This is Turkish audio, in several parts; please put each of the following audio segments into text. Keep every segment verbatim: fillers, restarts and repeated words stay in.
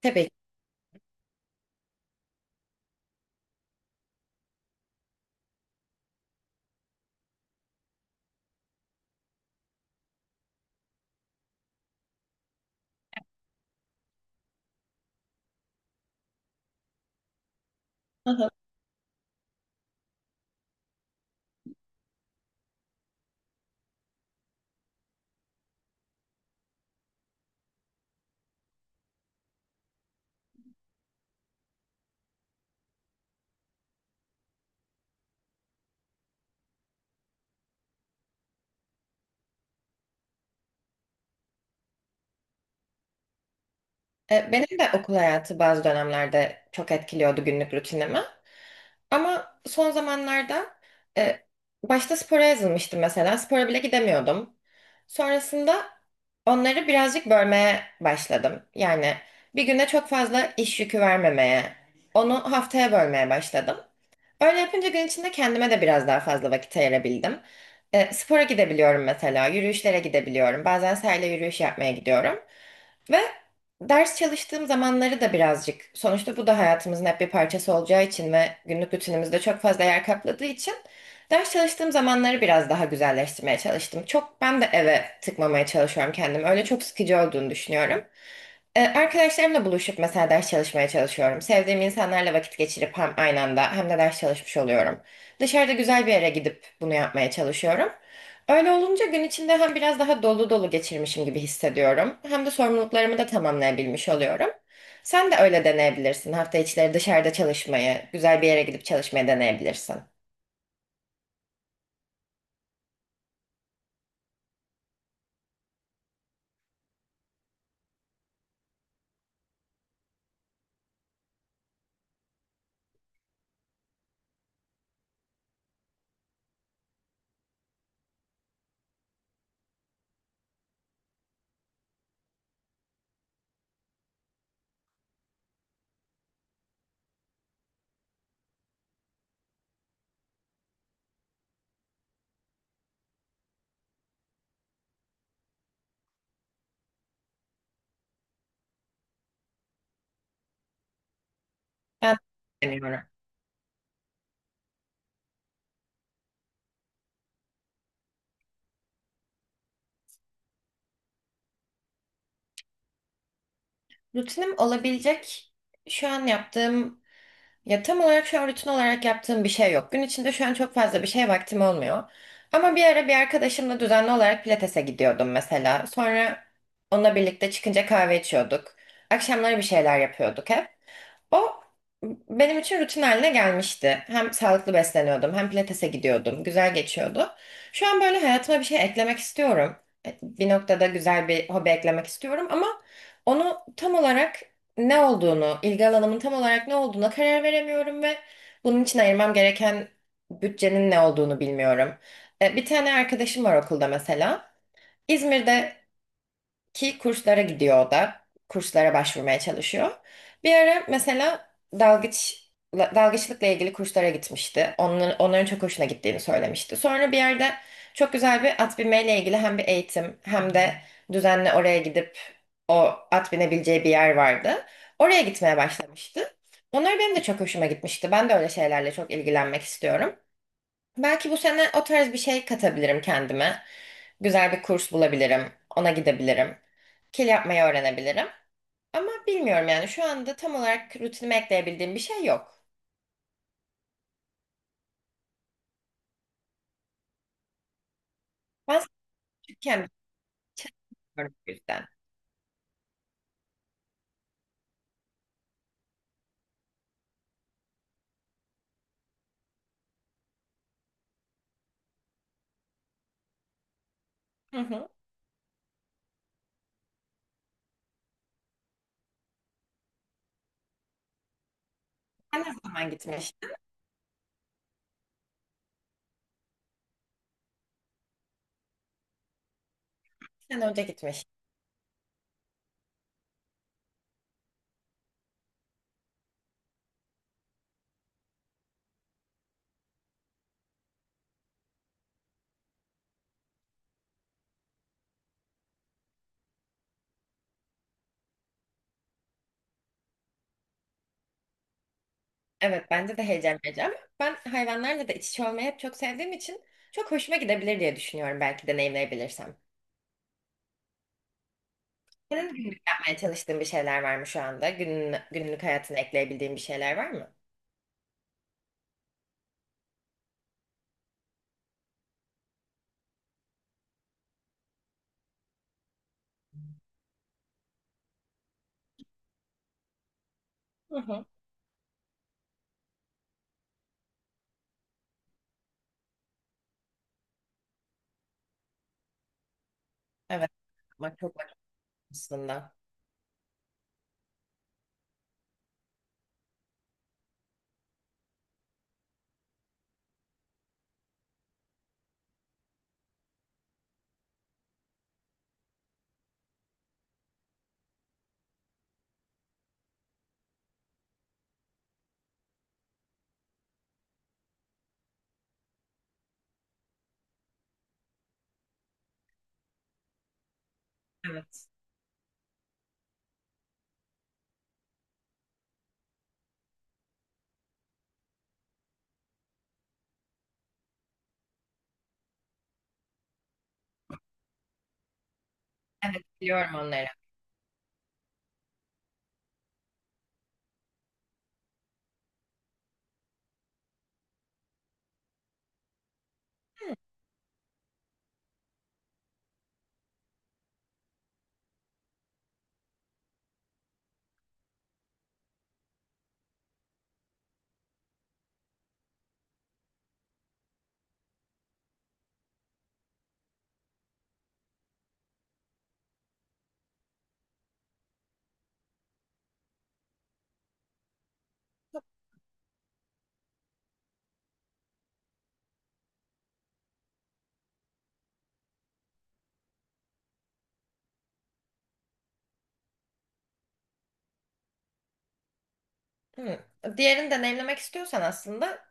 Tabii ki. Hı hı. E, Benim de okul hayatı bazı dönemlerde çok etkiliyordu günlük rutinimi. Ama son zamanlarda e, başta spora yazılmıştım mesela. Spora bile gidemiyordum. Sonrasında onları birazcık bölmeye başladım. Yani bir güne çok fazla iş yükü vermemeye, onu haftaya bölmeye başladım. Öyle yapınca gün içinde kendime de biraz daha fazla vakit ayırabildim. E, spora gidebiliyorum mesela, yürüyüşlere gidebiliyorum. Bazen sahile yürüyüş yapmaya gidiyorum. Ve ders çalıştığım zamanları da birazcık, sonuçta bu da hayatımızın hep bir parçası olacağı için ve günlük rutinimizde çok fazla yer kapladığı için ders çalıştığım zamanları biraz daha güzelleştirmeye çalıştım. Çok ben de eve tıkmamaya çalışıyorum kendimi. Öyle çok sıkıcı olduğunu düşünüyorum. Ee, Arkadaşlarımla buluşup mesela ders çalışmaya çalışıyorum. Sevdiğim insanlarla vakit geçirip hem aynı anda hem de ders çalışmış oluyorum. Dışarıda güzel bir yere gidip bunu yapmaya çalışıyorum. Öyle olunca gün içinde hem biraz daha dolu dolu geçirmişim gibi hissediyorum. Hem de sorumluluklarımı da tamamlayabilmiş oluyorum. Sen de öyle deneyebilirsin. Hafta içleri dışarıda çalışmayı, güzel bir yere gidip çalışmayı deneyebilirsin. Ben deniyorum. Rutinim olabilecek şu an yaptığım Ya tam olarak şu an rutin olarak yaptığım bir şey yok. Gün içinde şu an çok fazla bir şeye vaktim olmuyor. Ama bir ara bir arkadaşımla düzenli olarak pilatese gidiyordum mesela. Sonra onunla birlikte çıkınca kahve içiyorduk. Akşamları bir şeyler yapıyorduk hep. O benim için rutin haline gelmişti. Hem sağlıklı besleniyordum, hem pilatese gidiyordum. Güzel geçiyordu. Şu an böyle hayatıma bir şey eklemek istiyorum. E, Bir noktada güzel bir hobi eklemek istiyorum ama onu tam olarak ne olduğunu, ilgi alanımın tam olarak ne olduğuna karar veremiyorum ve bunun için ayırmam gereken bütçenin ne olduğunu bilmiyorum. E, Bir tane arkadaşım var okulda mesela. İzmir'de ki kurslara gidiyor o da. Kurslara başvurmaya çalışıyor. Bir ara mesela dalgıç dalgıçlıkla ilgili kurslara gitmişti. Onların, onların çok hoşuna gittiğini söylemişti. Sonra bir yerde çok güzel bir at binmeyle ilgili hem bir eğitim hem de düzenli oraya gidip o at binebileceği bir yer vardı. Oraya gitmeye başlamıştı. Onlar benim de çok hoşuma gitmişti. Ben de öyle şeylerle çok ilgilenmek istiyorum. Belki bu sene o tarz bir şey katabilirim kendime. Güzel bir kurs bulabilirim. Ona gidebilirim. Kil yapmayı öğrenebilirim. Ama bilmiyorum yani şu anda tam olarak rutinime ekleyebildiğim bir şey yok. Ben küçükken bilmiyorum bu yüzden. Hı hı. Sen ne zaman gitmiştin? Sen önce gitmiş. Evet bence de heyecan verici ama ben hayvanlarla da iç içe olmayı hep çok sevdiğim için çok hoşuma gidebilir diye düşünüyorum belki deneyimleyebilirsem. Senin günlük yapmaya çalıştığın bir şeyler var mı şu anda? Günün, günlük hayatına ekleyebildiğin bir şeyler var mı? Hı hı. Evet. Bak çok var aslında. Evet. Evet biliyorum onları. Hı. Diğerini deneyimlemek istiyorsan aslında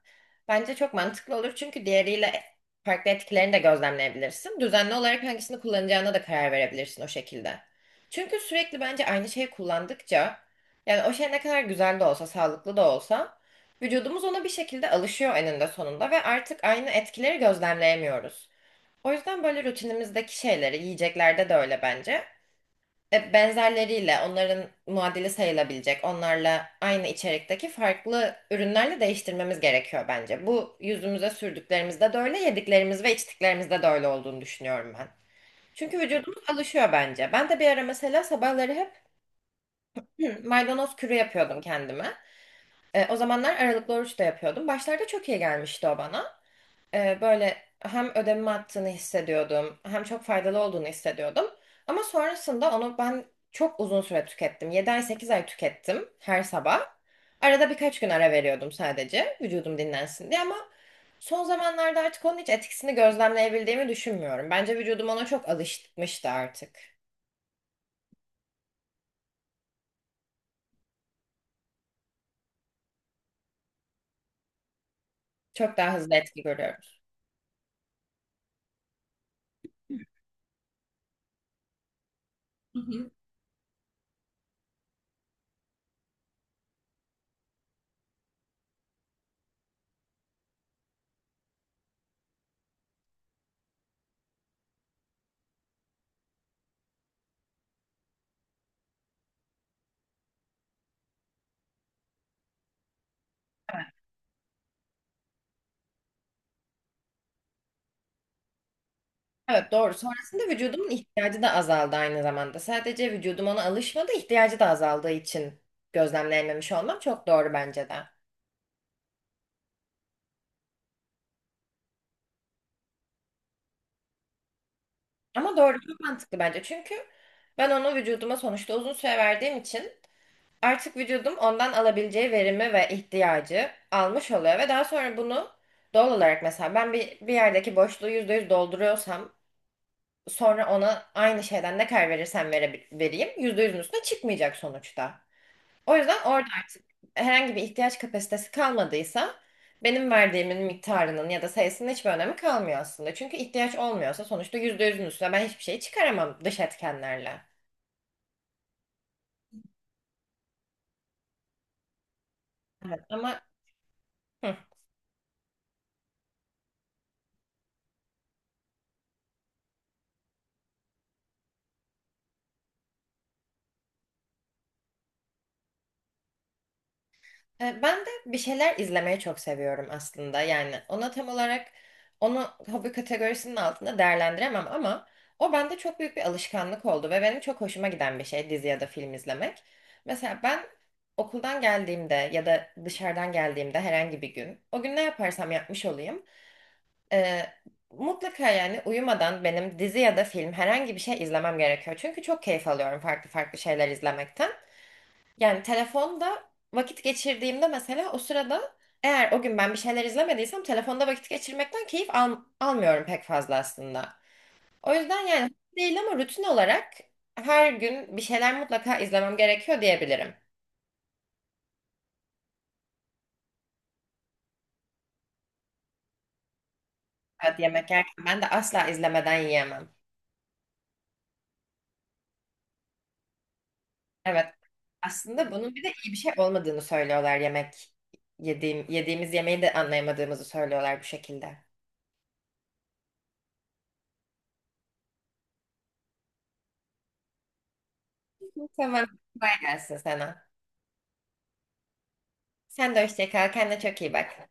bence çok mantıklı olur. Çünkü diğeriyle farklı etkilerini de gözlemleyebilirsin. Düzenli olarak hangisini kullanacağına da karar verebilirsin o şekilde. Çünkü sürekli bence aynı şeyi kullandıkça yani o şey ne kadar güzel de olsa, sağlıklı da olsa vücudumuz ona bir şekilde alışıyor eninde sonunda ve artık aynı etkileri gözlemleyemiyoruz. O yüzden böyle rutinimizdeki şeyleri yiyeceklerde de öyle bence. E, Benzerleriyle onların muadili sayılabilecek, onlarla aynı içerikteki farklı ürünlerle değiştirmemiz gerekiyor bence. Bu yüzümüze sürdüklerimizde de öyle, yediklerimiz ve içtiklerimizde de öyle olduğunu düşünüyorum ben. Çünkü vücudumuz alışıyor bence. Ben de bir ara mesela sabahları hep maydanoz kürü yapıyordum kendime. E, o zamanlar aralıklı oruç da yapıyordum. Başlarda çok iyi gelmişti o bana. Ee, böyle hem ödevimi attığını hissediyordum hem çok faydalı olduğunu hissediyordum. Ama sonrasında onu ben çok uzun süre tükettim. Yedi ay sekiz ay tükettim her sabah. Arada birkaç gün ara veriyordum sadece vücudum dinlensin diye ama son zamanlarda artık onun hiç etkisini gözlemleyebildiğimi düşünmüyorum. Bence vücudum ona çok alışmıştı artık. Çok daha hızlı etki görüyorum. Evet doğru. Sonrasında vücudumun ihtiyacı da azaldı aynı zamanda. Sadece vücudum ona alışmadı, ihtiyacı da azaldığı için gözlemleyememiş olmam çok doğru bence de. Ama doğru çok mantıklı bence. Çünkü ben onu vücuduma sonuçta uzun süre verdiğim için artık vücudum ondan alabileceği verimi ve ihtiyacı almış oluyor ve daha sonra bunu doğal olarak mesela ben bir, bir yerdeki boşluğu yüzde yüz dolduruyorsam sonra ona aynı şeyden ne kadar verirsem vere, vereyim yüzde yüzün üstüne çıkmayacak sonuçta. O yüzden orada artık herhangi bir ihtiyaç kapasitesi kalmadıysa benim verdiğimin miktarının ya da sayısının hiçbir önemi kalmıyor aslında. Çünkü ihtiyaç olmuyorsa sonuçta yüzde yüzün üstüne ben hiçbir şey çıkaramam dış etkenlerle. Evet. Ama hı. E, Ben de bir şeyler izlemeyi çok seviyorum aslında. Yani ona tam olarak onu hobi kategorisinin altında değerlendiremem ama o bende çok büyük bir alışkanlık oldu ve benim çok hoşuma giden bir şey dizi ya da film izlemek. Mesela ben okuldan geldiğimde ya da dışarıdan geldiğimde herhangi bir gün o gün ne yaparsam yapmış olayım. e, Mutlaka yani uyumadan benim dizi ya da film herhangi bir şey izlemem gerekiyor. Çünkü çok keyif alıyorum farklı farklı şeyler izlemekten. Yani telefonda vakit geçirdiğimde mesela o sırada eğer o gün ben bir şeyler izlemediysem telefonda vakit geçirmekten keyif al almıyorum pek fazla aslında. O yüzden yani değil ama rutin olarak her gün bir şeyler mutlaka izlemem gerekiyor diyebilirim. Evet yemek yerken ben de asla izlemeden yiyemem. Evet aslında bunun bir de iyi bir şey olmadığını söylüyorlar yemek yediğim yediğimiz yemeği de anlayamadığımızı söylüyorlar bu şekilde. Tamam kolay gelsin sana. Sen de hoşça kal kendine çok iyi bak.